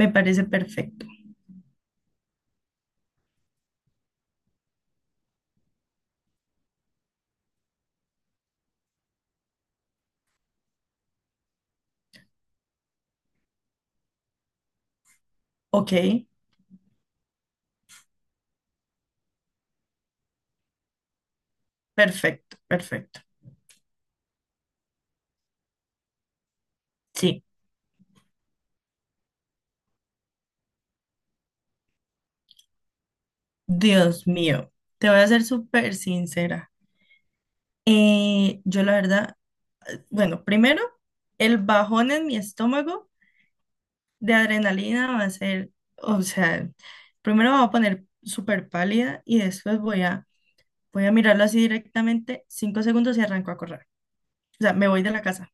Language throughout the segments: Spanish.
Me parece perfecto. Ok, perfecto, perfecto. Sí, Dios mío, te voy a ser súper sincera. Yo la verdad, bueno, primero, el bajón en mi estómago de adrenalina va a ser, o sea, primero me voy a poner súper pálida y después voy a mirarlo así directamente, 5 segundos y arranco a correr. O sea, me voy de la casa,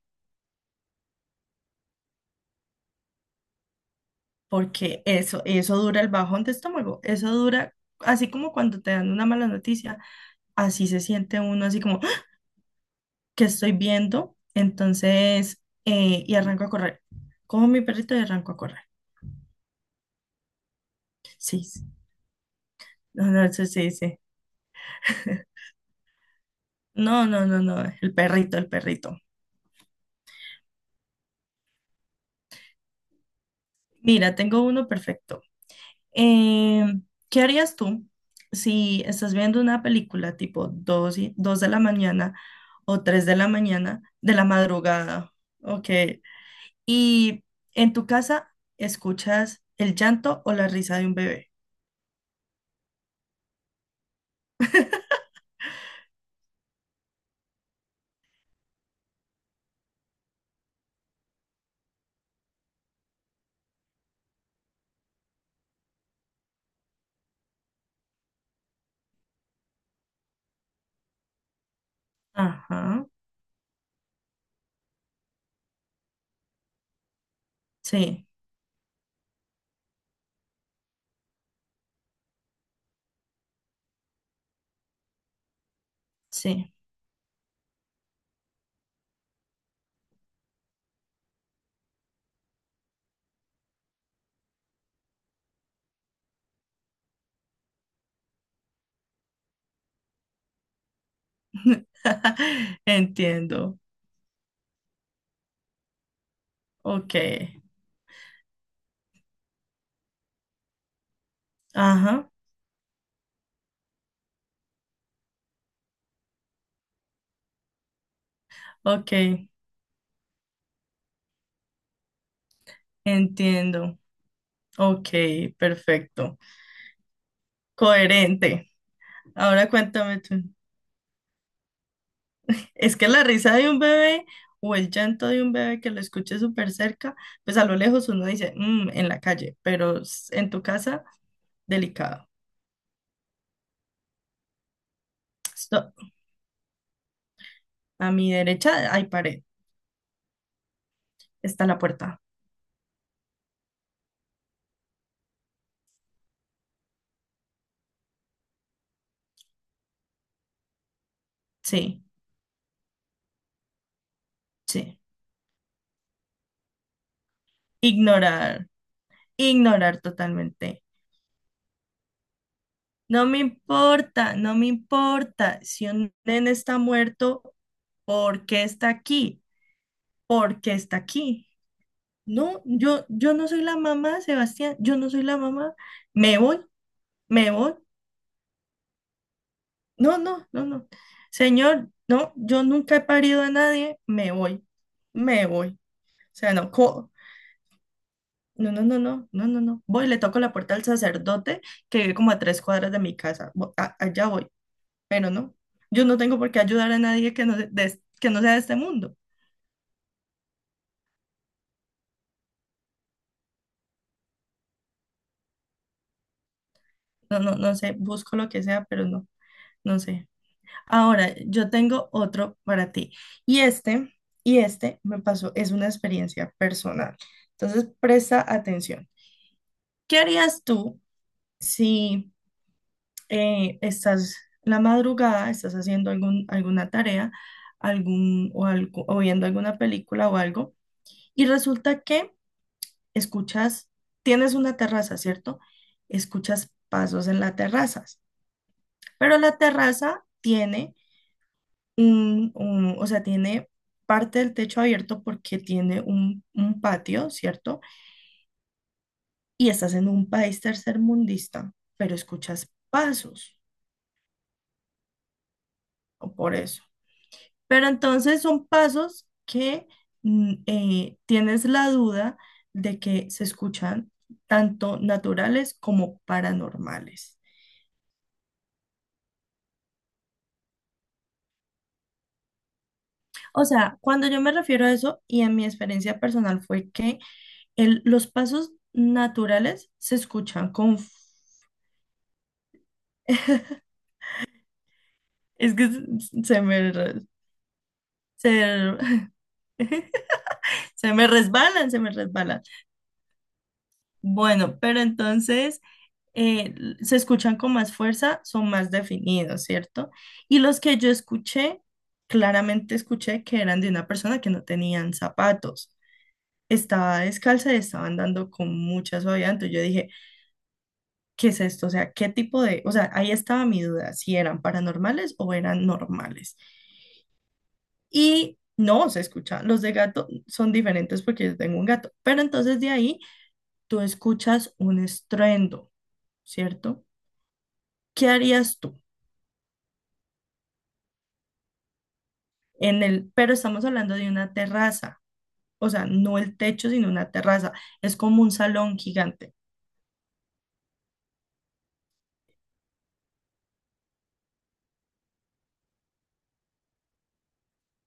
porque eso dura el bajón de estómago, eso dura, así como cuando te dan una mala noticia así se siente uno, así como ¡ah! Qué estoy viendo, entonces, y arranco a correr. Como mi perrito y arranco a correr. Sí, sí. No, no, sí, sí, sí. No, no, no, no, el perrito, el perrito. Mira, tengo uno perfecto. Eh, ¿Qué harías tú si estás viendo una película tipo 2 de la mañana o 3 de la mañana de la madrugada? Ok. Y en tu casa escuchas el llanto o la risa de un bebé. Ajá. Sí, sí. Entiendo. Ok. Ajá. Ok. Entiendo. Ok, perfecto. Coherente. Ahora cuéntame tú. Es que la risa de un bebé o el llanto de un bebé que lo escuche súper cerca, pues a lo lejos uno dice, "Mm", en la calle, pero en tu casa, delicado. Esto- a mi derecha hay pared. Está la puerta. Sí, sí. Ignorar. Ignorar totalmente. No me importa, no me importa. Si un nene está muerto, ¿por qué está aquí? ¿Por qué está aquí? No, yo no soy la mamá, Sebastián, yo no soy la mamá. Me voy, me voy. No, no, no, no. Señor, no, yo nunca he parido a nadie, me voy, me voy. O sea, no, no, no, no, no, no, no, no. Voy, le toco la puerta al sacerdote que vive como a 3 cuadras de mi casa. Allá voy. Pero no, yo no tengo por qué ayudar a nadie que no, que no sea de este mundo. No, no, no sé, busco lo que sea, pero no, no sé. Ahora, yo tengo otro para ti. Y este, y este me pasó, es una experiencia personal. Entonces, presta atención. ¿Qué harías tú si estás la madrugada, estás haciendo alguna tarea, algún, o, algo, o viendo alguna película o algo, y resulta que escuchas, tienes una terraza, ¿cierto? Escuchas pasos en la terraza, pero la terraza tiene o sea, tiene parte del techo abierto porque tiene un patio, ¿cierto? Y estás en un país tercermundista, pero escuchas pasos, o por eso. Pero entonces son pasos que tienes la duda de que se escuchan tanto naturales como paranormales. O sea, cuando yo me refiero a eso y en mi experiencia personal fue que los pasos naturales se escuchan con. Es que se se me, re- se, se me resbalan, se me resbalan. Bueno, pero entonces eh, se escuchan con más fuerza, son más definidos, ¿cierto? Y los que yo escuché, claramente escuché que eran de una persona que no tenían zapatos. Estaba descalza y estaba andando con mucha suavidad. Entonces yo dije, ¿qué es esto? O sea, o sea, ahí estaba mi duda, si eran paranormales o eran normales. Y no, se escucha, los de gato son diferentes porque yo tengo un gato, pero entonces de ahí tú escuchas un estruendo, ¿cierto? ¿Qué harías tú? Pero estamos hablando de una terraza, o sea, no el techo, sino una terraza, es como un salón gigante.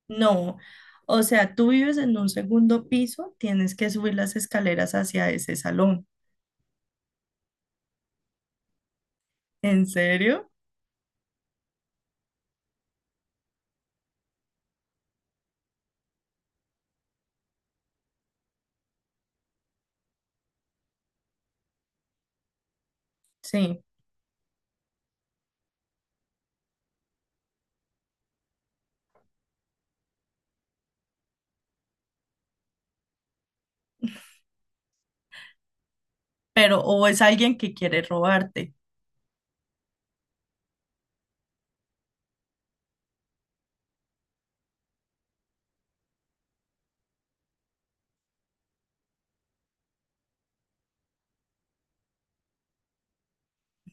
No. O sea, tú vives en un segundo piso, tienes que subir las escaleras hacia ese salón. ¿En serio? Sí. Pero o es alguien que quiere robarte.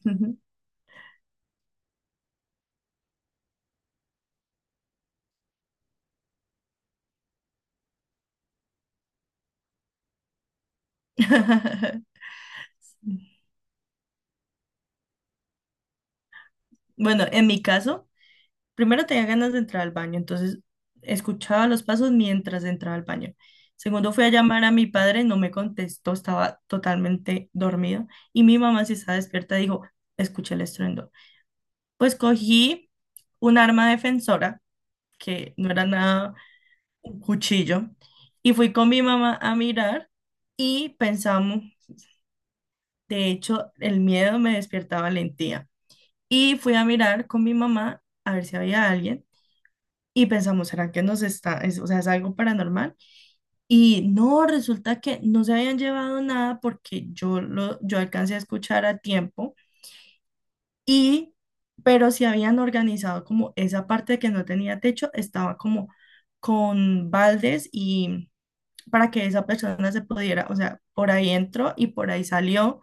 Ujú. Bueno, en mi caso, primero tenía ganas de entrar al baño, entonces escuchaba los pasos mientras entraba al baño. Segundo, fui a llamar a mi padre, no me contestó, estaba totalmente dormido. Y mi mamá, si estaba despierta, dijo, escuché el estruendo. Pues cogí un arma defensora, que no era nada un cuchillo. Y fui con mi mamá a mirar y pensamos, de hecho, el miedo me despierta valentía. Y fui a mirar con mi mamá a ver si había alguien y pensamos, ¿será que nos está, o sea, es algo paranormal? Y no, resulta que no se habían llevado nada porque yo alcancé a escuchar a tiempo y, pero si habían organizado como esa parte que no tenía techo, estaba como con baldes y para que esa persona se pudiera, o sea, por ahí entró y por ahí salió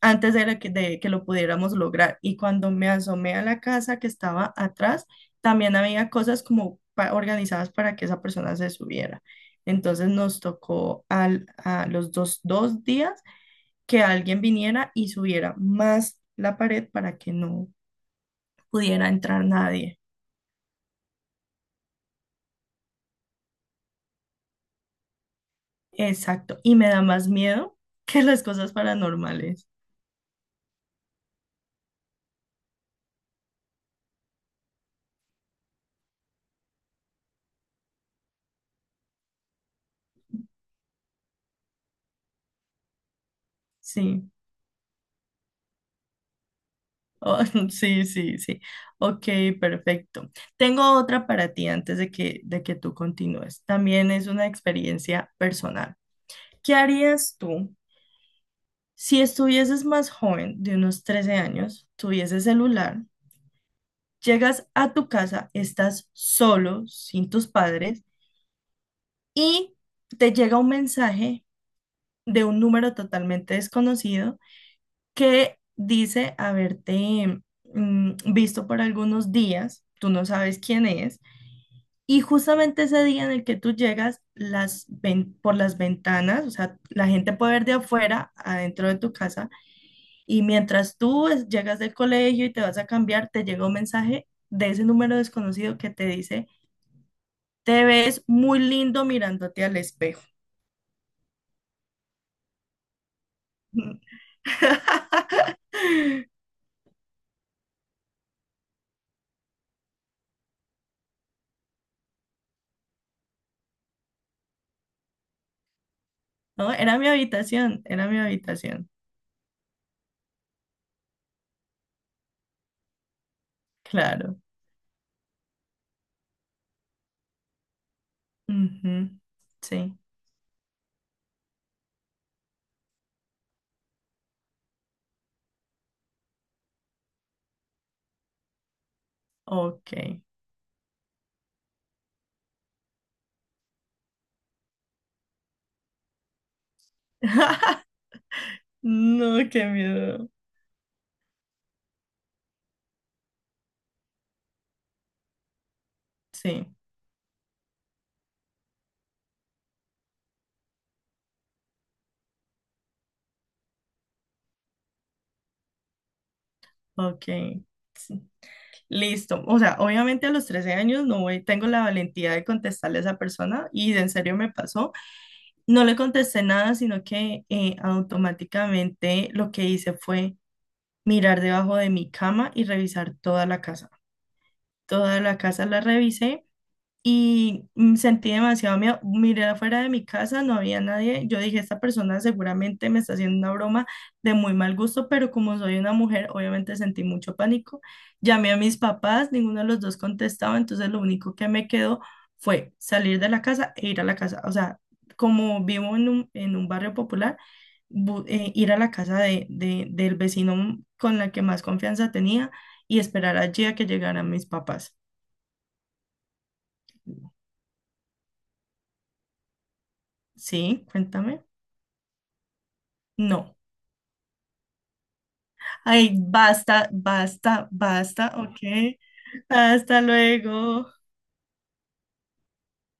antes de que lo pudiéramos lograr. Y cuando me asomé a la casa que estaba atrás, también había cosas como organizadas para que esa persona se subiera. Entonces nos tocó a los dos días que alguien viniera y subiera más la pared para que no pudiera entrar nadie. Exacto. Y me da más miedo que las cosas paranormales. Sí. Oh, sí, sí, sí. Ok, perfecto. Tengo otra para ti antes de que tú continúes. También es una experiencia personal. ¿Qué harías tú si estuvieses más joven, de unos 13 años, tuvieses celular, llegas a tu casa, estás solo, sin tus padres, y te llega un mensaje de un número totalmente desconocido que dice haberte visto por algunos días, tú no sabes quién es. Y justamente ese día en el que tú llegas, por las ventanas, o sea, la gente puede ver de afuera, adentro de tu casa, y mientras llegas del colegio y te vas a cambiar, te llega un mensaje de ese número desconocido que te dice, te ves muy lindo mirándote al espejo. No, era mi habitación, claro. Ujú. Sí, ok. No, qué miedo. Sí, ok. Listo. O sea, obviamente a los 13 años no voy, tengo la valentía de contestarle a esa persona y en serio me pasó. No le contesté nada, sino que automáticamente lo que hice fue mirar debajo de mi cama y revisar toda la casa. Toda la casa la revisé y sentí demasiado miedo. Miré afuera de mi casa, no había nadie. Yo dije, esta persona seguramente me está haciendo una broma de muy mal gusto, pero como soy una mujer, obviamente sentí mucho pánico. Llamé a mis papás, ninguno de los dos contestaba, entonces lo único que me quedó fue salir de la casa e ir a la casa. O sea, como vivo en un barrio popular, ir a la casa del vecino con la que más confianza tenía y esperar allí a que llegaran mis papás. Sí, cuéntame. No. Ay, basta, basta, basta, ok. Hasta luego.